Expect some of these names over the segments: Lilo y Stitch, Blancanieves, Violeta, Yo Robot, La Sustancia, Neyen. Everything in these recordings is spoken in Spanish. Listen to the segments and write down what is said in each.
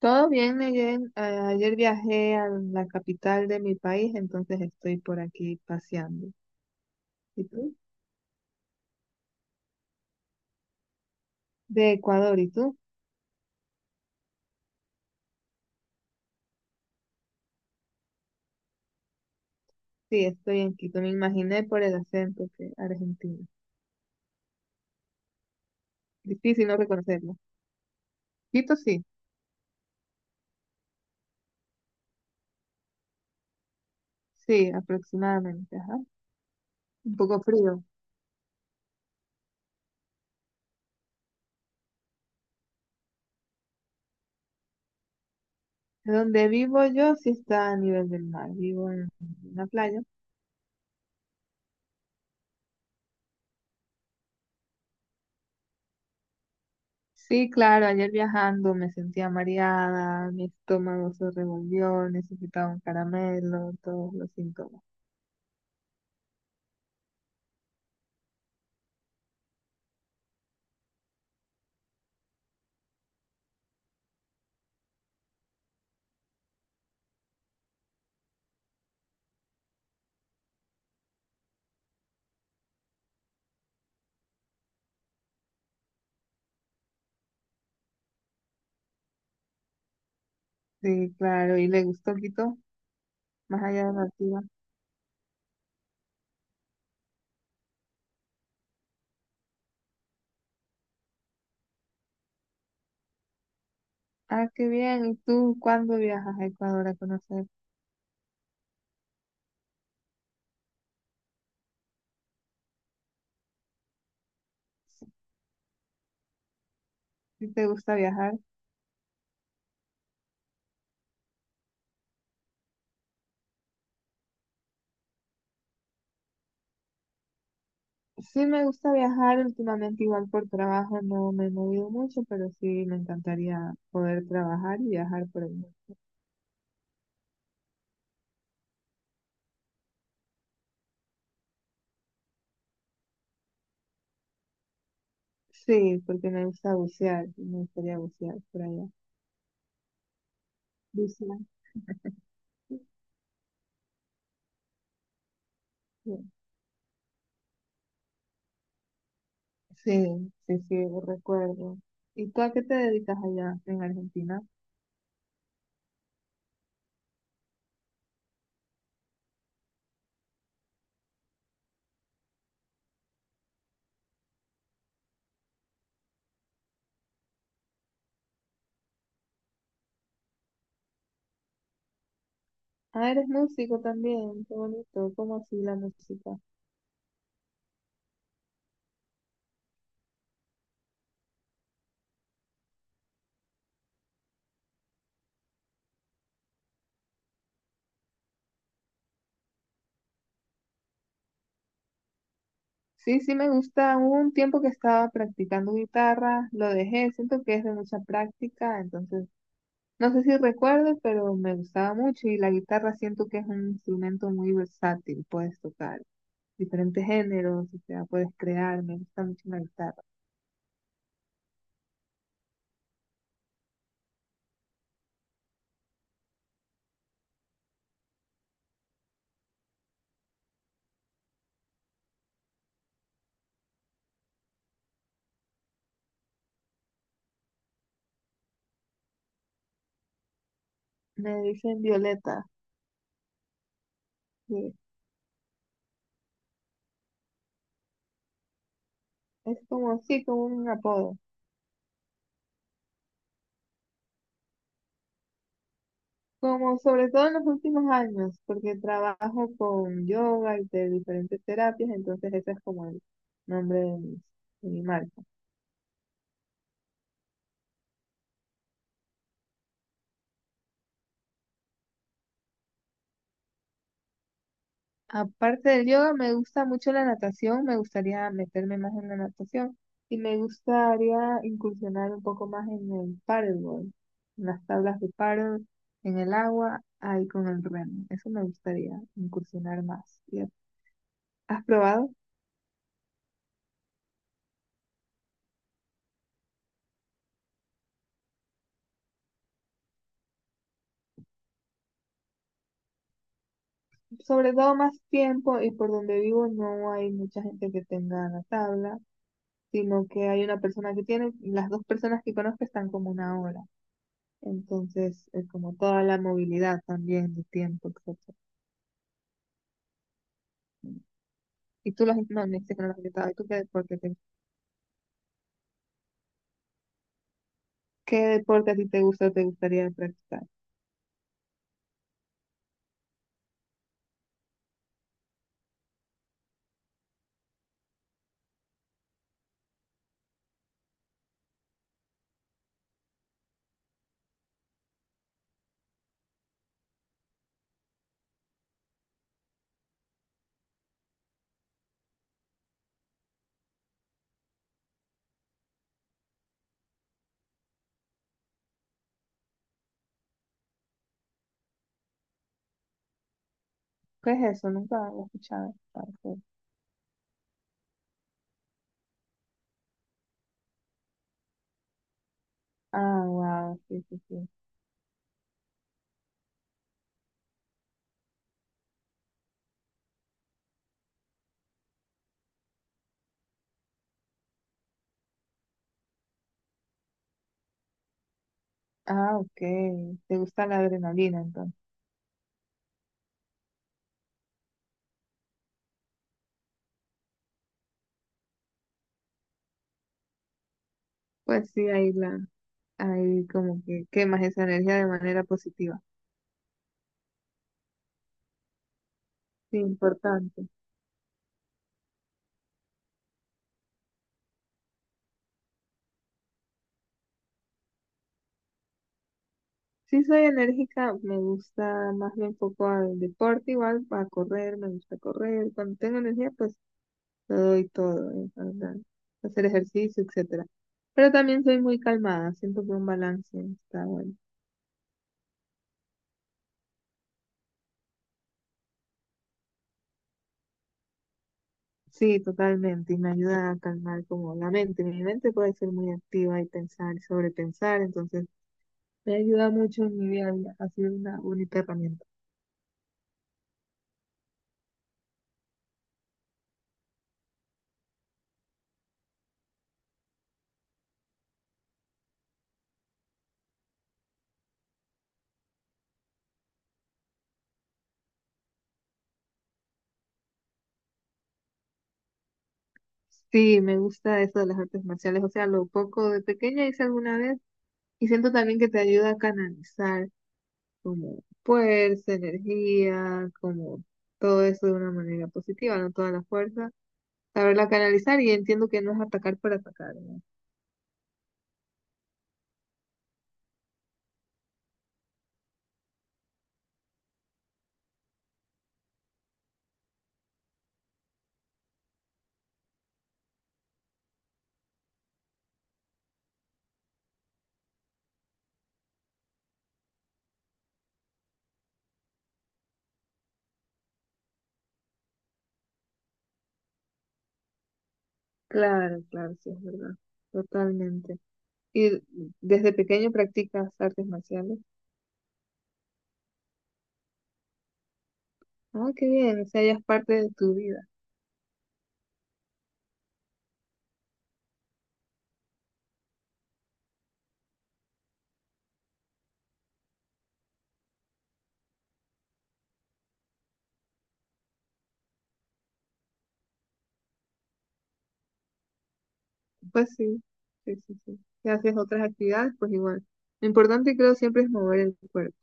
Todo bien, Neyen. Ayer viajé a la capital de mi país, entonces estoy por aquí paseando. ¿Y tú? De Ecuador, ¿y tú? Sí, estoy en Quito. Me imaginé por el acento que Argentina. Difícil no reconocerlo. Quito sí, sí, aproximadamente, ajá. Un poco frío. Donde vivo yo sí está a nivel del mar. Vivo en una playa. Sí, claro, ayer viajando me sentía mareada, mi estómago se revolvió, necesitaba un caramelo, todos los síntomas. Sí, claro, y le gustó Quito, más allá de la ciudad. Ah, qué bien. ¿Y tú cuándo viajas a Ecuador a conocer? ¿Sí te gusta viajar? Sí, me gusta viajar últimamente, igual por trabajo no me he movido mucho, pero sí me encantaría poder trabajar y viajar por el mundo. Sí, porque me gusta bucear, y me gustaría bucear por allá. Bucear, sí. Sí, sí, sí, lo recuerdo. ¿Y tú a qué te dedicas allá en Argentina? Ah, eres músico también, qué bonito, ¿cómo así la música? Sí, sí me gusta. Hubo un tiempo que estaba practicando guitarra, lo dejé, siento que es de mucha práctica, entonces no sé si recuerdo, pero me gustaba mucho y la guitarra siento que es un instrumento muy versátil, puedes tocar diferentes géneros, o sea, puedes crear, me gusta mucho la guitarra. Me dicen Violeta, que es como así, como un apodo. Como sobre todo en los últimos años, porque trabajo con yoga y de diferentes terapias, entonces ese es como el nombre de mi marca. Aparte del yoga, me gusta mucho la natación, me gustaría meterme más en la natación y me gustaría incursionar un poco más en el paddleboard, en las tablas de paddle, en el agua, ahí con el remo. Eso me gustaría incursionar más. ¿Has probado? Sobre todo más tiempo y por donde vivo no hay mucha gente que tenga la tabla, sino que hay una persona que tiene, y las dos personas que conozco están como una hora. Entonces, es como toda la movilidad también de tiempo, etc. Y tú las, no, me dijiste que no las has intentado. ¿Y tú qué deporte, te- ¿Qué deporte a ti te gusta o te gustaría practicar? ¿Qué es eso? Nunca lo he escuchado. Parece. Ah, wow, sí, sí, sí. Ah, ok. ¿Te gusta la adrenalina entonces? Pues sí, ahí la, ahí como que quemas esa energía de manera positiva. Sí, importante. Sí soy enérgica, me gusta más bien un poco al deporte, igual a correr, me gusta correr. Cuando tengo energía, pues lo doy todo, o sea, hacer ejercicio, etcétera. Pero también soy muy calmada, siento que un balance está bueno. Sí, totalmente, y me ayuda a calmar como la mente. Mi mente puede ser muy activa y pensar y sobrepensar, entonces me ayuda mucho en mi día a día, ha sido una bonita herramienta. Sí, me gusta eso de las artes marciales, o sea, lo poco de pequeña hice alguna vez. Y siento también que te ayuda a canalizar como fuerza, energía, como todo eso de una manera positiva, no toda la fuerza. Saberla canalizar y entiendo que no es atacar por atacar, ¿no? Claro, claro, sí, es verdad. Totalmente. Y desde pequeño practicas artes marciales. Ah, qué bien, o sea, ya es parte de tu vida. Pues sí, sí, sí, sí. Si haces otras actividades, pues igual. Lo importante creo siempre es mover el cuerpo.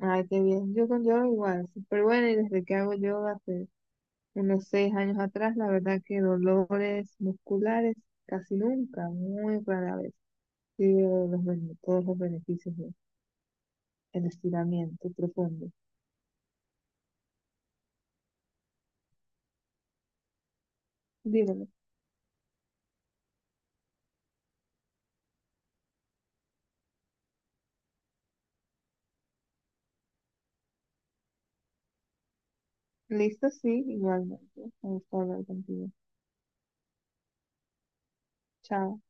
Ay, qué bien. Yo con yoga igual, súper buena y desde que hago yoga, pues, unos 6 años atrás, la verdad que dolores musculares casi nunca, muy rara vez, sí veo todos los beneficios del estiramiento profundo. Dímelo. Listo, sí, igualmente. Me gusta hablar contigo. Chao.